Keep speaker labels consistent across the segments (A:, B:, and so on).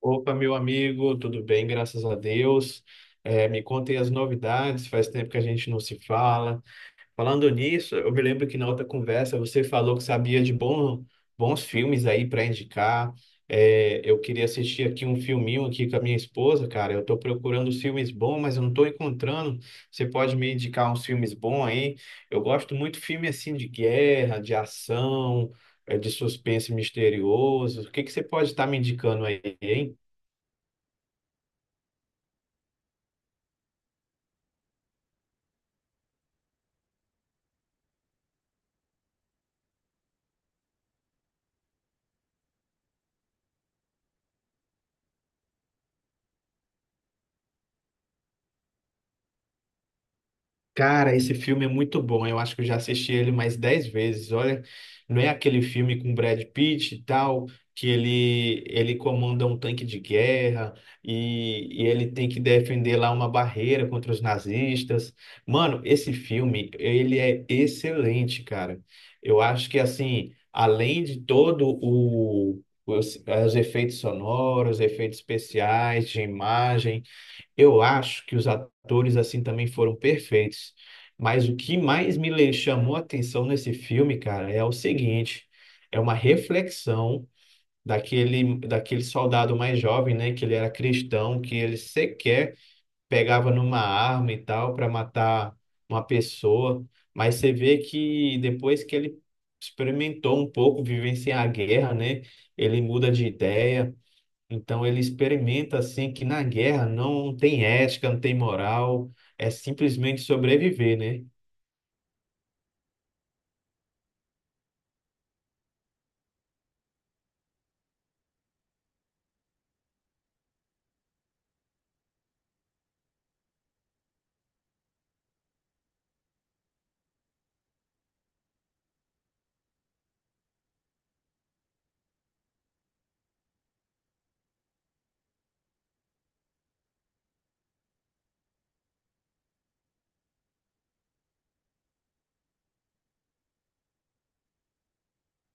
A: Opa, meu amigo, tudo bem? Graças a Deus. É, me contem as novidades, faz tempo que a gente não se fala. Falando nisso, eu me lembro que na outra conversa você falou que sabia de bom, bons filmes aí para indicar. É, eu queria assistir aqui um filminho aqui com a minha esposa, cara. Eu estou procurando os filmes bons, mas eu não estou encontrando. Você pode me indicar uns filmes bons aí? Eu gosto muito de filme assim de guerra, de ação, é, de suspense misterioso. O que que você pode estar me indicando aí, hein? Cara, esse filme é muito bom. Eu acho que eu já assisti ele mais dez vezes. Olha, não é aquele filme com Brad Pitt e tal, que ele comanda um tanque de guerra e ele tem que defender lá uma barreira contra os nazistas. Mano, esse filme, ele é excelente, cara. Eu acho que, assim, além de todo o... os efeitos sonoros, efeitos especiais, de imagem, eu acho que os atores assim também foram perfeitos. Mas o que mais chamou a atenção nesse filme, cara, é o seguinte, é uma reflexão daquele soldado mais jovem, né, que ele era cristão, que ele sequer pegava numa arma e tal para matar uma pessoa, mas você vê que depois que ele experimentou um pouco vivenciar a guerra, né, ele muda de ideia. Então ele experimenta assim que na guerra não tem ética, não tem moral, é simplesmente sobreviver, né?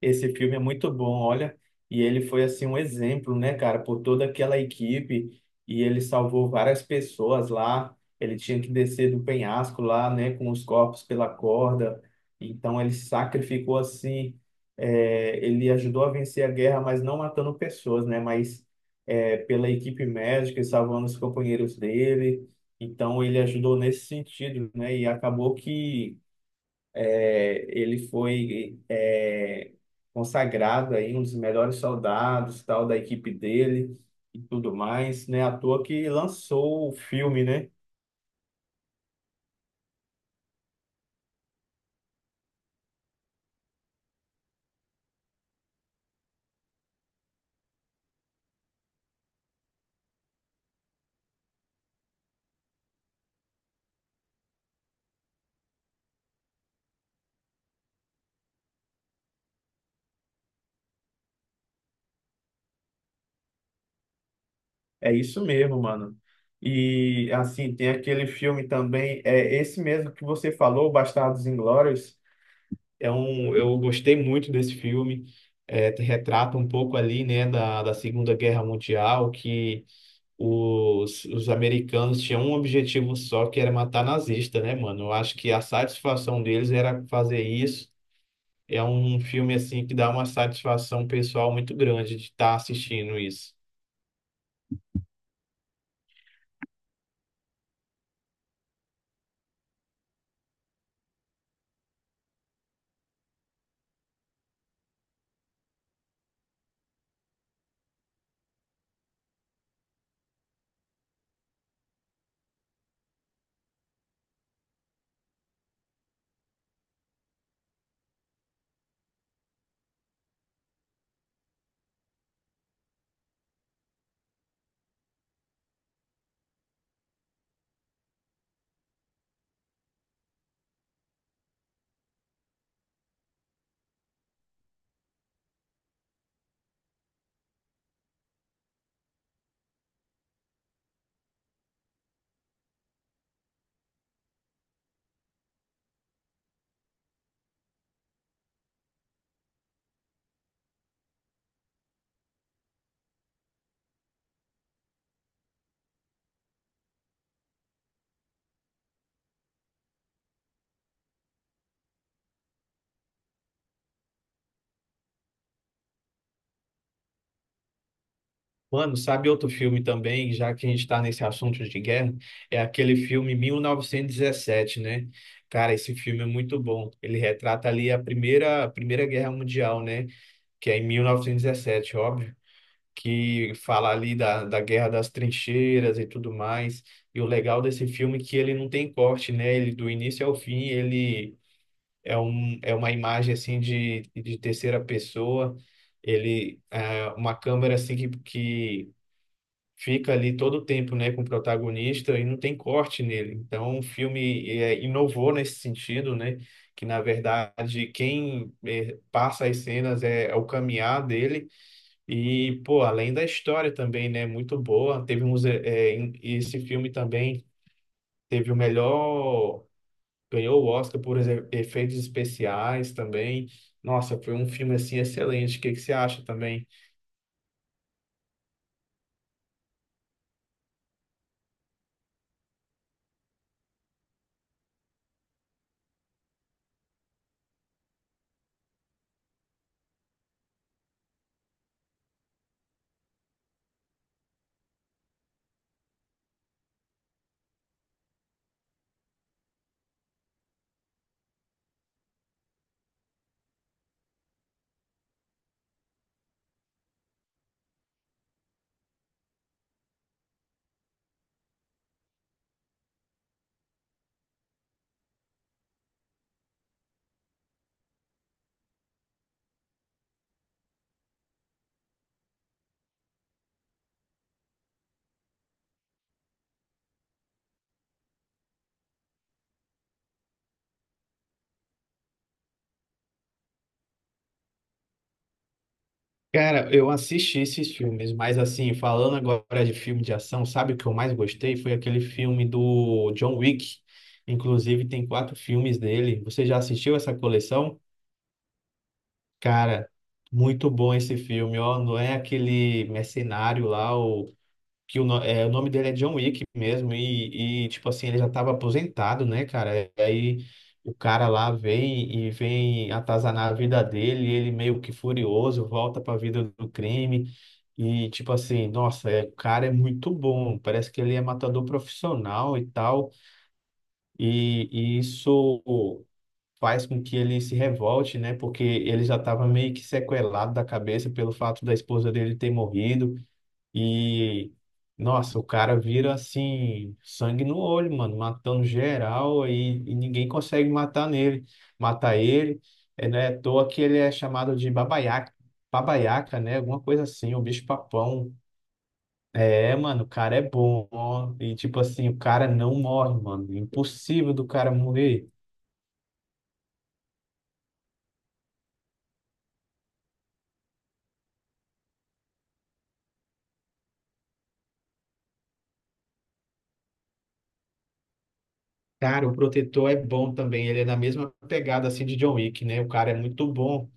A: Esse filme é muito bom, olha. E ele foi assim um exemplo, né, cara, por toda aquela equipe. E ele salvou várias pessoas lá. Ele tinha que descer do penhasco lá, né, com os corpos pela corda. Então ele sacrificou assim. Ele ajudou a vencer a guerra, mas não matando pessoas, né, mas pela equipe médica e salvando os companheiros dele. Então ele ajudou nesse sentido, né? E acabou que é, ele foi consagrado aí um dos melhores soldados, tal da equipe dele e tudo mais, né? À toa que lançou o filme, né? É isso mesmo, mano. E assim, tem aquele filme também, é esse mesmo que você falou, Bastardos Inglórios. É um, eu gostei muito desse filme. É, te retrata um pouco ali, né, da Segunda Guerra Mundial, que os americanos tinham um objetivo só, que era matar nazista, né, mano? Eu acho que a satisfação deles era fazer isso. É um filme, assim, que dá uma satisfação pessoal muito grande de estar assistindo isso. Mano, sabe outro filme também, já que a gente está nesse assunto de guerra? É aquele filme 1917, né? Cara, esse filme é muito bom. Ele retrata ali a Primeira Guerra Mundial, né? Que é em 1917, óbvio. Que fala ali da guerra das trincheiras e tudo mais. E o legal desse filme é que ele não tem corte, né? Ele do início ao fim, ele é um, é uma imagem assim de terceira pessoa. Ele é uma câmera assim que fica ali todo o tempo, né, com o protagonista e não tem corte nele. Então, o filme é, inovou nesse sentido, né? Que na verdade quem passa as cenas é o caminhar dele e, pô, além da história também, né? Muito boa. Teve uns, esse filme também teve o melhor. Ganhou o Oscar por efeitos especiais também. Nossa, foi um filme assim excelente. O que que você acha também? Cara, eu assisti esses filmes, mas assim, falando agora de filme de ação, sabe o que eu mais gostei? Foi aquele filme do John Wick. Inclusive, tem quatro filmes dele. Você já assistiu essa coleção? Cara, muito bom esse filme, ó. Não é aquele mercenário lá, o que o, no- é, o nome dele é John Wick mesmo, e tipo assim, ele já estava aposentado, né, cara? E aí o cara lá vem e vem atazanar a vida dele, e ele meio que furioso, volta para a vida do crime. E tipo assim, nossa, é, o cara é muito bom. Parece que ele é matador profissional e tal. E isso faz com que ele se revolte, né? Porque ele já estava meio que sequelado da cabeça pelo fato da esposa dele ter morrido. E, nossa, o cara vira assim, sangue no olho, mano, matando geral e ninguém consegue matar nele, matar ele. É, não é à toa que ele é chamado de babaiaca, babaiaca, né? Alguma coisa assim, o bicho papão. É, mano, o cara é bom. Ó. E tipo assim, o cara não morre, mano. Impossível do cara morrer. Cara, o Protetor é bom também. Ele é na mesma pegada assim de John Wick, né? O cara é muito bom.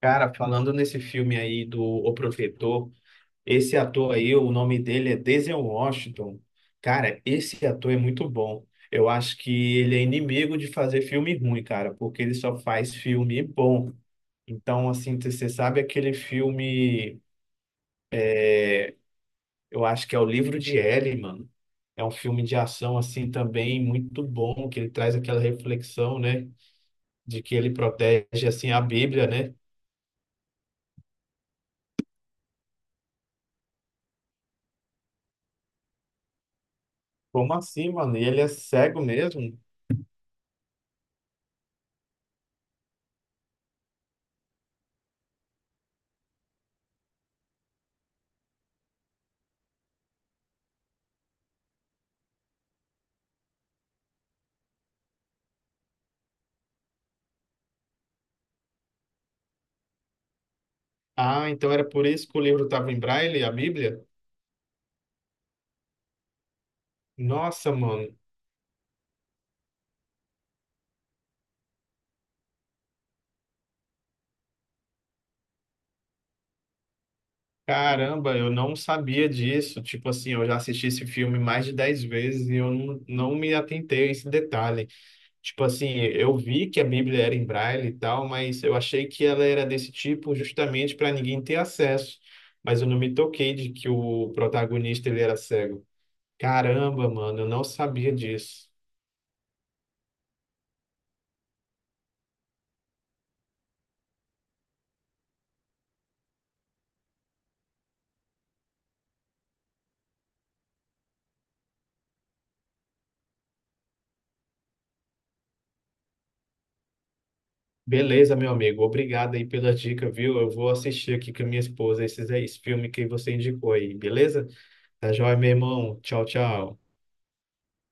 A: Cara, falando nesse filme aí do O Protetor, esse ator aí, o nome dele é Denzel Washington. Cara, esse ator é muito bom. Eu acho que ele é inimigo de fazer filme ruim, cara, porque ele só faz filme bom. Então, assim, você sabe aquele filme, eu acho que é O Livro de Ellie, mano. É um filme de ação assim também muito bom, que ele traz aquela reflexão, né? De que ele protege assim a Bíblia, né? Como assim, mano? E ele é cego mesmo? Ah, então era por isso que o livro estava em braille, a Bíblia? Nossa, mano. Caramba, eu não sabia disso. Tipo assim, eu já assisti esse filme mais de 10 vezes e eu não me atentei a esse detalhe. Tipo assim, eu vi que a Bíblia era em braille e tal, mas eu achei que ela era desse tipo justamente para ninguém ter acesso. Mas eu não me toquei de que o protagonista ele era cego. Caramba, mano, eu não sabia disso. Beleza, meu amigo. Obrigado aí pela dica, viu? Eu vou assistir aqui com a minha esposa esse filme que você indicou aí, beleza? Tá joia, meu irmão. Tchau, tchau.